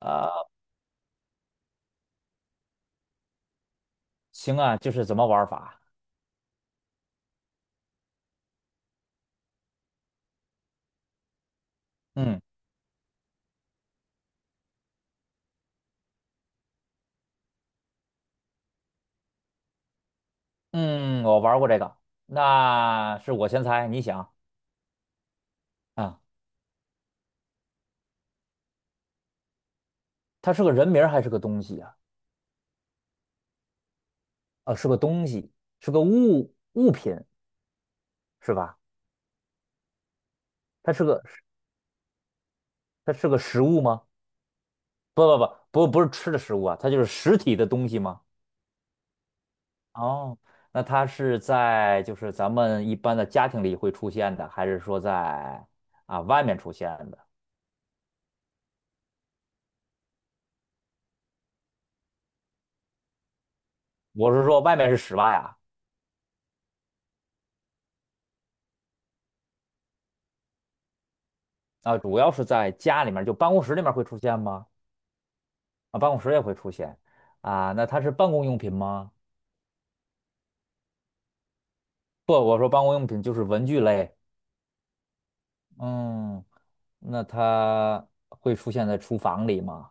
呃，行啊，就是怎么玩法？嗯嗯，我玩过这个，那是我先猜，你想啊，它是个人名儿还是个东西啊？啊，是个东西，是个物品是吧？它是个它是个食物吗？不不不不是吃的食物啊，它就是实体的东西吗？哦，那它是在就是咱们一般的家庭里会出现的，还是说在啊外面出现的？我是说外面是室外啊，啊，主要是在家里面，就办公室里面会出现吗？啊，办公室也会出现啊。那它是办公用品吗？不，我说办公用品就是文具类。嗯，那它会出现在厨房里吗？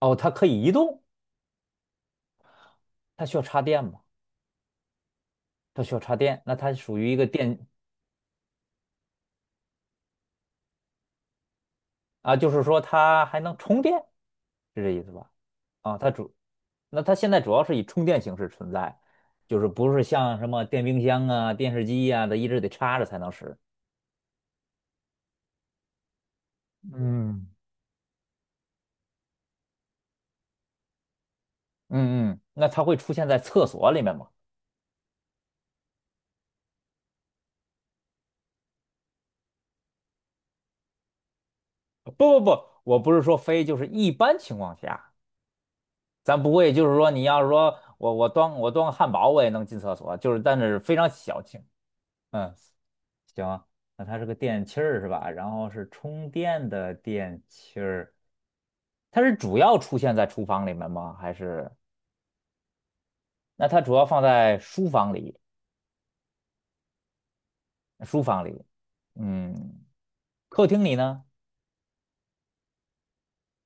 哦，它可以移动，它需要插电吗？它需要插电，那它属于一个电啊，就是说它还能充电，是这意思吧？啊，它主，那它现在主要是以充电形式存在，就是不是像什么电冰箱啊、电视机呀、它一直得插着才能使。嗯，嗯嗯，那它会出现在厕所里面吗？不，我不是说非，就是一般情况下，咱不会就是说你要是说我端个汉堡我也能进厕所，就是但是非常小气。嗯，行，那它是个电器儿是吧？然后是充电的电器儿，它是主要出现在厨房里面吗？还是那它主要放在书房里？书房里，嗯，客厅里呢？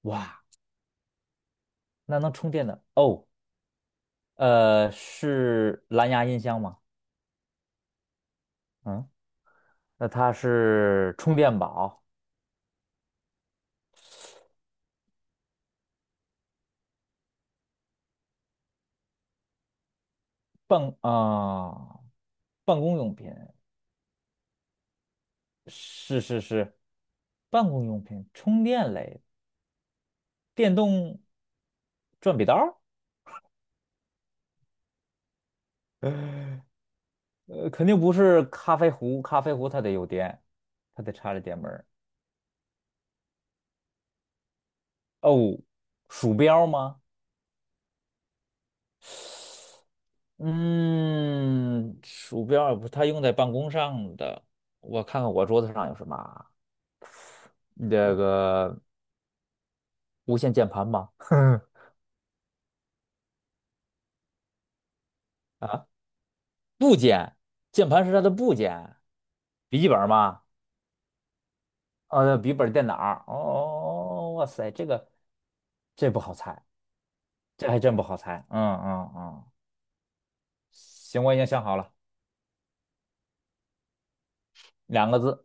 哇，那能充电的哦，是蓝牙音箱吗？嗯。那它是充电宝，办啊、办公用品，是是是，办公用品，充电类，电动转笔刀 儿，肯定不是咖啡壶，咖啡壶它得有电，它得插着电门儿。哦，鼠标吗？嗯，鼠标也不是它用在办公上的，我看看我桌子上有什么啊？这个无线键盘吗？啊，部件，键盘是它的部件，笔记本吗？笔记本电脑儿。哦，哇塞，这不好猜，这还真不好猜。嗯嗯嗯，行，我已经想好了，两个字，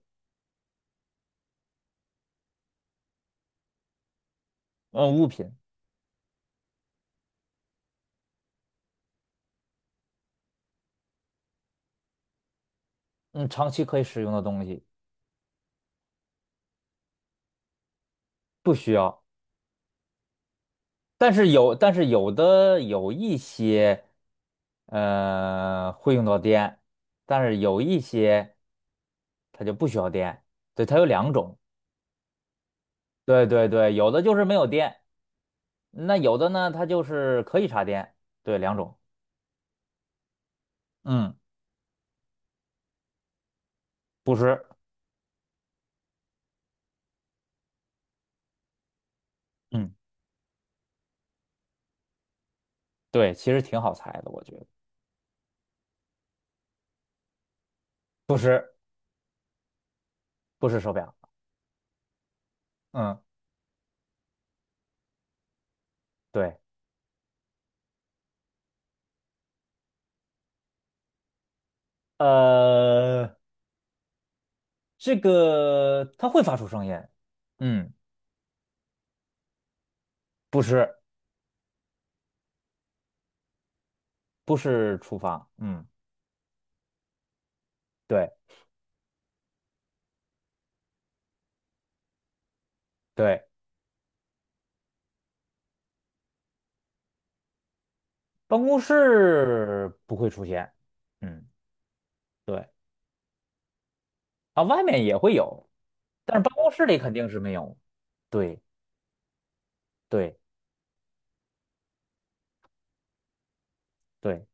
嗯，物品，嗯，长期可以使用的东西，不需要。但是有，但是有的有一些，会用到电，但是有一些它就不需要电。对，它有两种。对对对，有的就是没有电。那有的呢，它就是可以插电，对，两种，嗯不是，嗯对，其实挺好猜的，我觉得不是，不是手表，嗯对，呃，这个它会发出声音，嗯，不是，不是厨房，嗯，对对，办公室不会出现，嗯，对啊，外面也会有，但是办公室里肯定是没有，对对对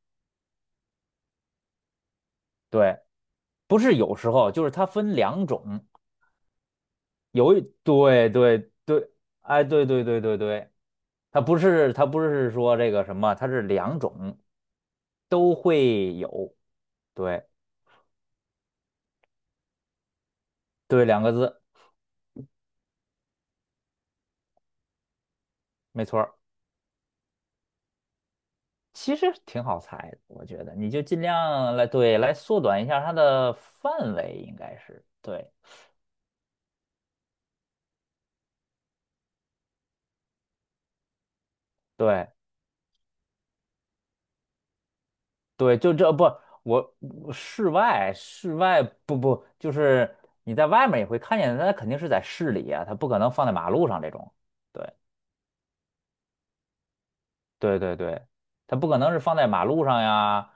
对，不是有时候，就是它分两种，有一对对对，哎，对对对对对，它不是说这个什么，它是两种都会有，对对，两个字，没错儿其实挺好猜的，我觉得你就尽量来对来缩短一下它的范围，应该是对对对，就这不我室外不不就是你在外面也会看见，它肯定是在市里啊，它不可能放在马路上这种，对对对对，它不可能是放在马路上呀，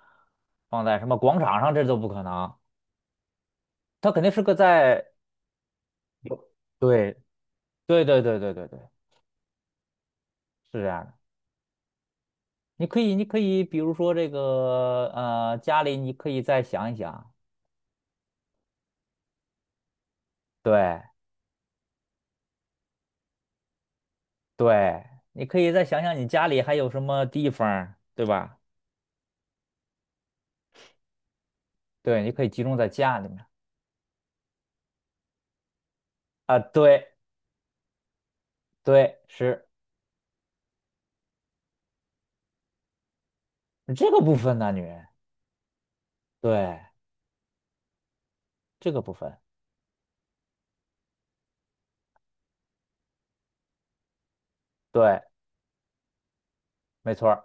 放在什么广场上，这都不可能。它肯定是个在 有，对对对对对对对，是这样的。你可以，比如说这个，家里你可以再想一想，对对，你可以再想想你家里还有什么地方儿对吧？对，你可以集中在家里面啊，对对，是这个部分男女，对这个部分，对，没错儿，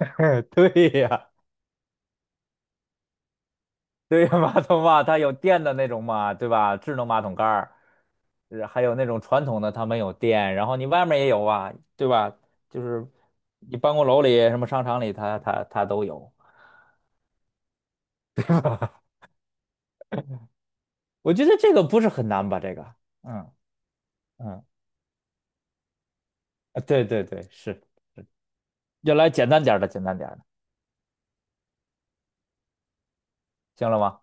对呀。对呀，马桶嘛，它有电的那种嘛，对吧？智能马桶盖儿，呃还有那种传统的，它没有电，然后你外面也有啊，对吧？就是你办公楼里、什么商场里，它它都有。我觉得这个不是很难吧？这个，嗯嗯，啊对对对，是。要来简单点儿的，简单点儿的，行了吗？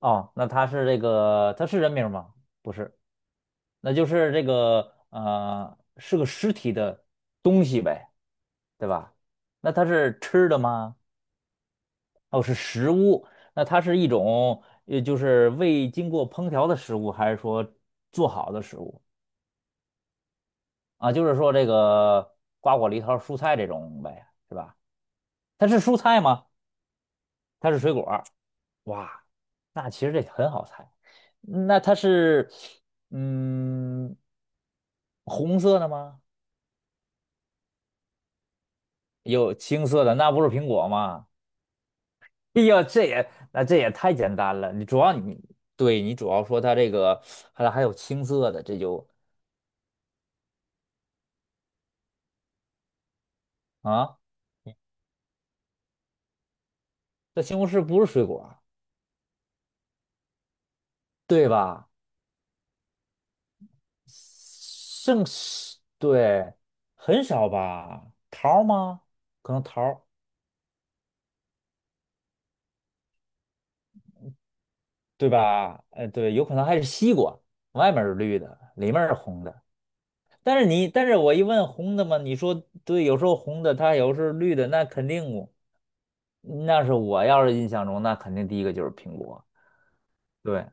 哦，那它是这个，它是人名吗？不是，那就是这个是个实体的东西呗，对吧？那它是吃的吗？哦，是食物，那它是一种，就是未经过烹调的食物，还是说做好的食物啊？就是说这个瓜果梨桃蔬菜这种呗，是吧？它是蔬菜吗？它是水果儿哇，那其实这很好猜。嗯那它是，嗯，红色的吗？有青色的，那不是苹果吗？哎呀，这也那这也太简单了。你主要你对你主要说它这个，还有青色的，这就啊。这西红柿不是水果儿，对吧？剩是，对，很少吧？桃儿吗？可能桃儿，对吧？哎，对，有可能还是西瓜，外面是绿的，里面是红的。但是我一问红的嘛，你说对，有时候红的，它有时候绿的，那肯定我那是我要是印象中，那肯定第一个就是苹果。对，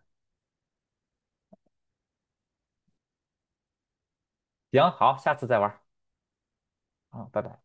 行，好，下次再玩儿啊，拜拜。